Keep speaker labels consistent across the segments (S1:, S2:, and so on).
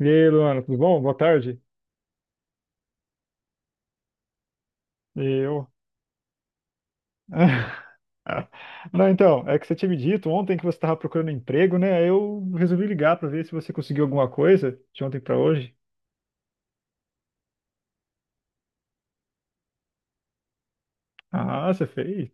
S1: E aí, Luana, tudo bom? Boa tarde. E eu. Não, então, é que você tinha me dito ontem que você estava procurando emprego, né? Aí eu resolvi ligar para ver se você conseguiu alguma coisa de ontem para hoje. Ah, você fez?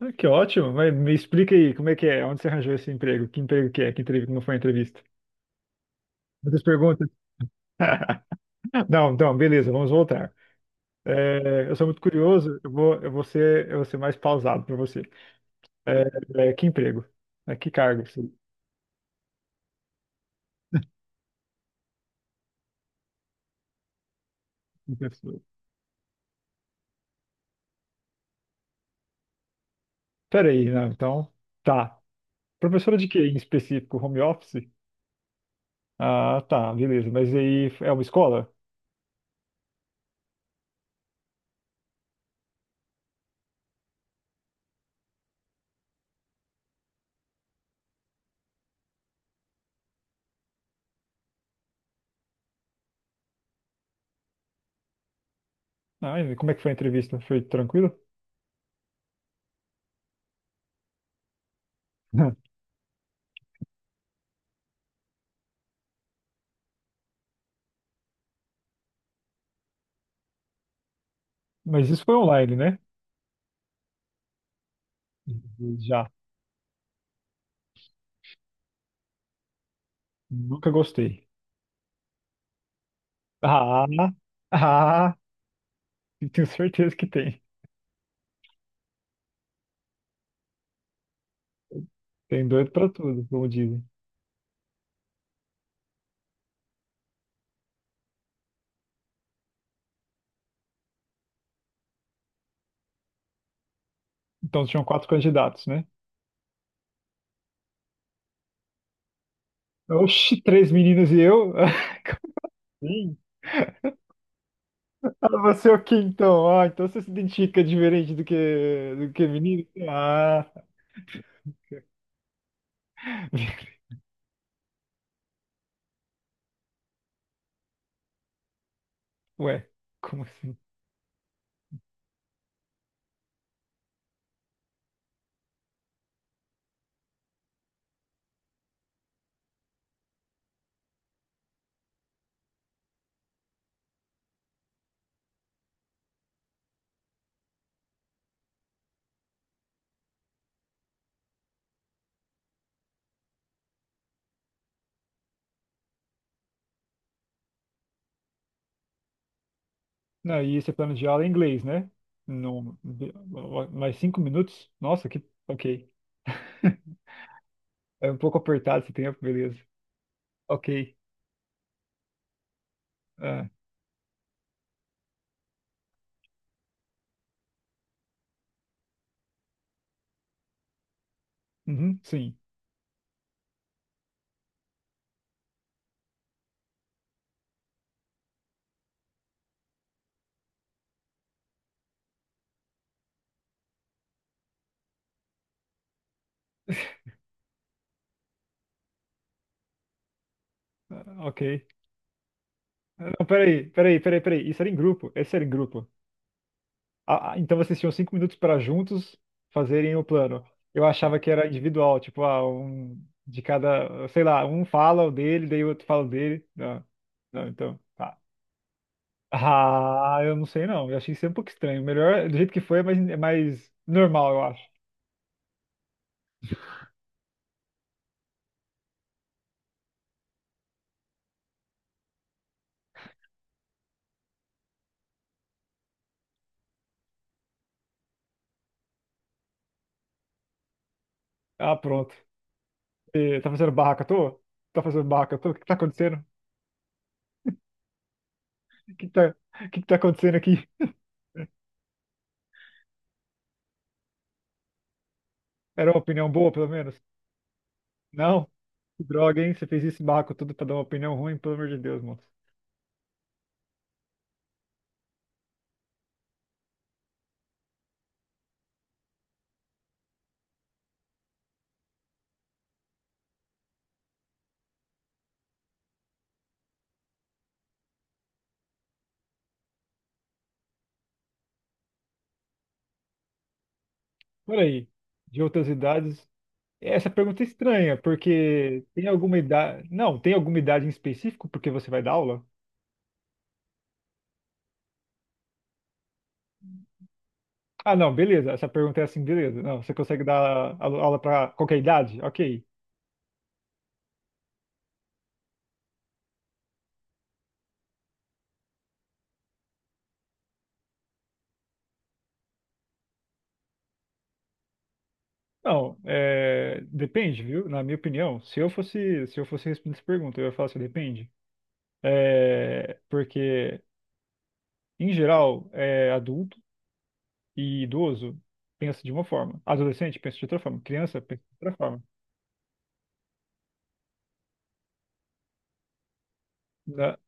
S1: Ah, que ótimo. Mas me explica aí, como é que é? Onde você arranjou esse emprego? Que emprego que é? Que entrevista? Como foi a entrevista? Muitas perguntas. Não, não, beleza, vamos voltar. É, eu sou muito curioso, eu vou ser mais pausado para você. É, que emprego? É, que cargo? você- Peraí, não, então, tá. Professora de quê em específico? Home office? Ah, tá, beleza. Mas aí é uma escola? Ah, e como é que foi a entrevista? Foi tranquilo? Mas isso foi online, né? Já. Nunca gostei. Ah, ah, tenho certeza que tem. Tem doido pra tudo, como dizem. Então tinham quatro candidatos, né? Oxi, três meninas e eu? Sim. Ah, você é o quê então? Ah, então você se identifica diferente do que menino? Ah, Ué, como assim? Não, e esse plano de aula é inglês, né? Não, mais 5 minutos? Nossa, que. Ok. É um pouco apertado esse tempo, beleza. Ok. Ah, uhum, sim. Ah, ok. Ah, não, peraí, peraí, peraí, peraí. Isso era em grupo. Esse era em grupo. Ah, então vocês tinham 5 minutos para juntos fazerem o plano. Eu achava que era individual, tipo, ah, um de cada, sei lá, um fala o dele, daí o outro fala o dele. Não, não, então, tá. Ah, eu não sei não. Eu achei sempre um pouco estranho. Melhor, do jeito que foi, é mais normal, eu acho. Ah, pronto. Tá fazendo barraca à toa? Tá fazendo barraca à toa? O que que tá acontecendo? O que que tá, o que que tá acontecendo aqui? Era uma opinião boa, pelo menos? Não? Que droga, hein? Você fez esse barraco tudo pra dar uma opinião ruim, pelo amor de Deus, moço. Por aí, de outras idades. Essa pergunta é estranha, porque tem alguma idade. Não, tem alguma idade em específico porque você vai dar aula? Ah, não, beleza. Essa pergunta é assim, beleza. Não, você consegue dar aula para qualquer idade? Ok. Não, é, depende, viu? Na minha opinião, se eu fosse responder essa pergunta, eu ia falar assim, depende. É, porque, em geral, adulto e idoso pensa de uma forma. Adolescente pensa de outra forma. Criança pensa de outra forma. Na...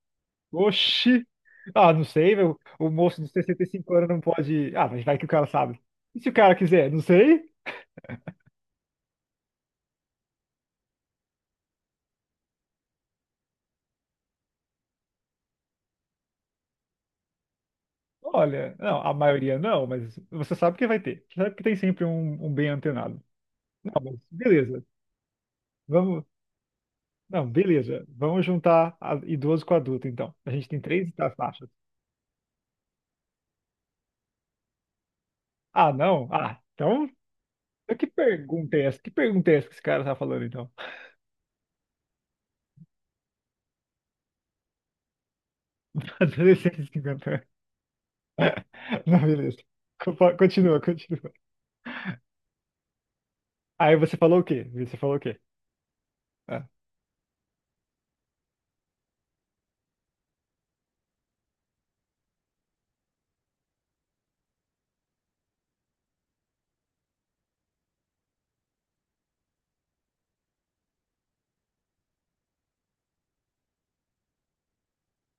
S1: Oxi! Ah, não sei, meu. O moço de 65 anos não pode. Ah, mas vai que o cara sabe. E se o cara quiser? Não sei. Olha, não, a maioria não, mas você sabe que vai ter. Você sabe que tem sempre um bem antenado. Não, mas beleza. Vamos. Não, beleza. Vamos juntar idoso com adulto, então. A gente tem três tá, faixas. Ah, não? Ah, então. Eu Que pergunta é essa? Que pergunta é essa que esse cara tá falando, então? Adolescente de 50 anos. Não, beleza. Continua, continua. Aí você falou o quê? Você falou o quê? Ah,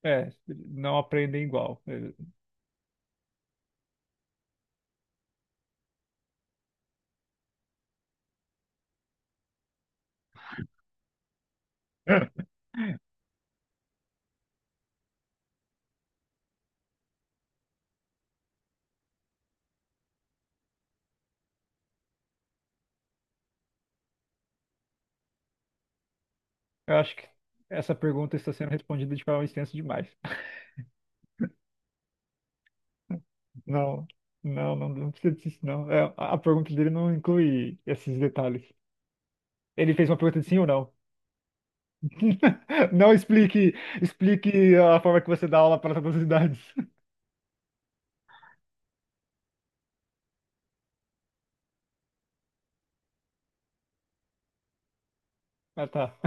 S1: é, não aprendem igual. Eu acho que essa pergunta está sendo respondida de forma extensa demais. Não, não, não, não precisa disso, não. É, a pergunta dele não inclui esses detalhes. Ele fez uma pergunta de sim ou não. Não explique, explique a forma que você dá aula para todas as idades. Ah, tá.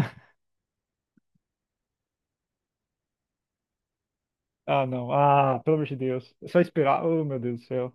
S1: Ah, não. Ah, pelo amor de Deus. É só esperar. Oh, meu Deus do céu.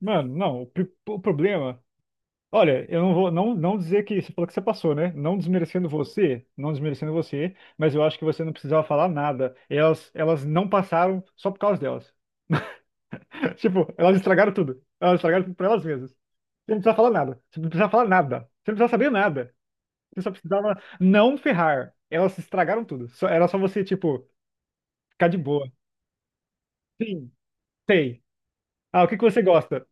S1: Mano, não, o problema. Olha, eu não vou não, não dizer que você falou que você passou, né? Não desmerecendo você, não desmerecendo você, mas eu acho que você não precisava falar nada. Elas não passaram só por causa delas. Tipo, elas estragaram tudo. Elas estragaram tudo pra elas mesmas. Você não precisava falar nada. Você não precisava falar nada. Você não precisava saber nada. Você só precisava não ferrar. Elas estragaram tudo. Era só você, tipo, ficar de boa. Sim, sei. Ah, o que que você gosta?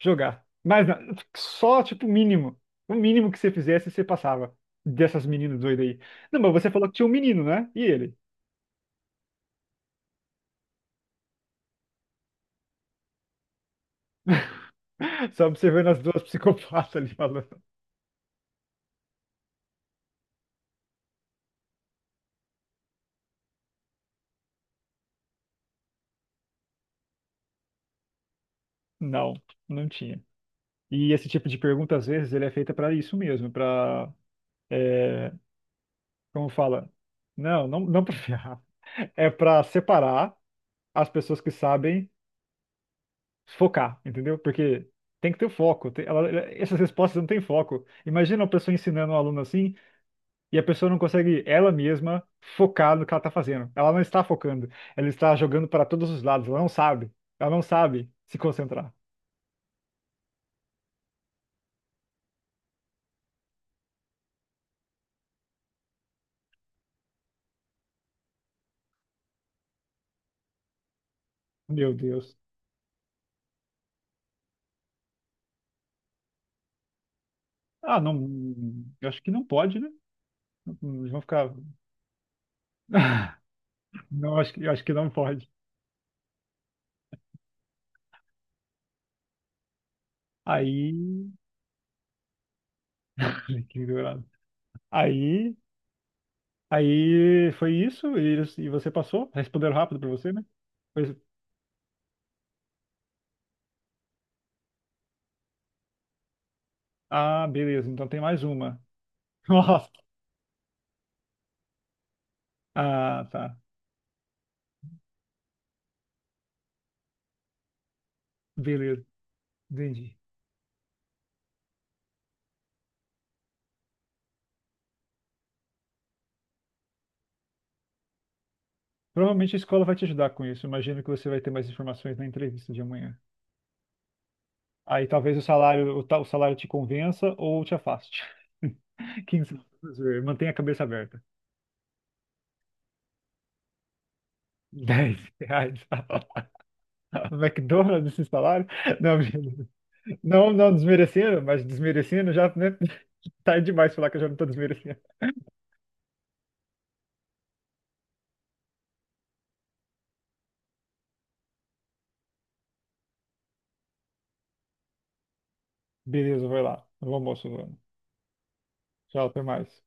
S1: Jogar. Mas só, tipo, o mínimo. O mínimo que você fizesse, você passava. Dessas meninas doidas aí. Não, mas você falou que tinha um menino, né? E ele? Só observando as duas psicopatas ali falando. Não, não tinha. E esse tipo de pergunta, às vezes, ele é feita pra isso mesmo, pra é, como fala? Não, não, não para ferrar. É para separar as pessoas que sabem focar, entendeu? Porque tem que ter o foco. Essas respostas não têm foco. Imagina uma pessoa ensinando um aluno assim e a pessoa não consegue ela mesma focar no que ela está fazendo. Ela não está focando. Ela está jogando para todos os lados. Ela não sabe. Ela não sabe se concentrar. Meu Deus. Ah, não. Eu acho que não pode, né? Eles vão ficar. Não, acho que não pode. Aí. Fiquei ignorado. Aí, aí foi isso e você passou? Responderam rápido pra você, né? Pois- ah, beleza. Então tem mais uma. Nossa. Ah, tá. Beleza. Entendi. Provavelmente a escola vai te ajudar com isso. Imagino que você vai ter mais informações na entrevista de amanhã. Aí talvez o salário, o salário te convença ou te afaste. Quem sabe? Vamos ver. Mantenha a cabeça aberta. 10 reais. McDonald's esse salário? Não, mentira. Não, não desmerecendo, mas desmerecendo já, né? Tá demais falar que eu já não tô desmerecendo. Beleza, vai lá. Bom almoço, Luana. Tchau, até mais.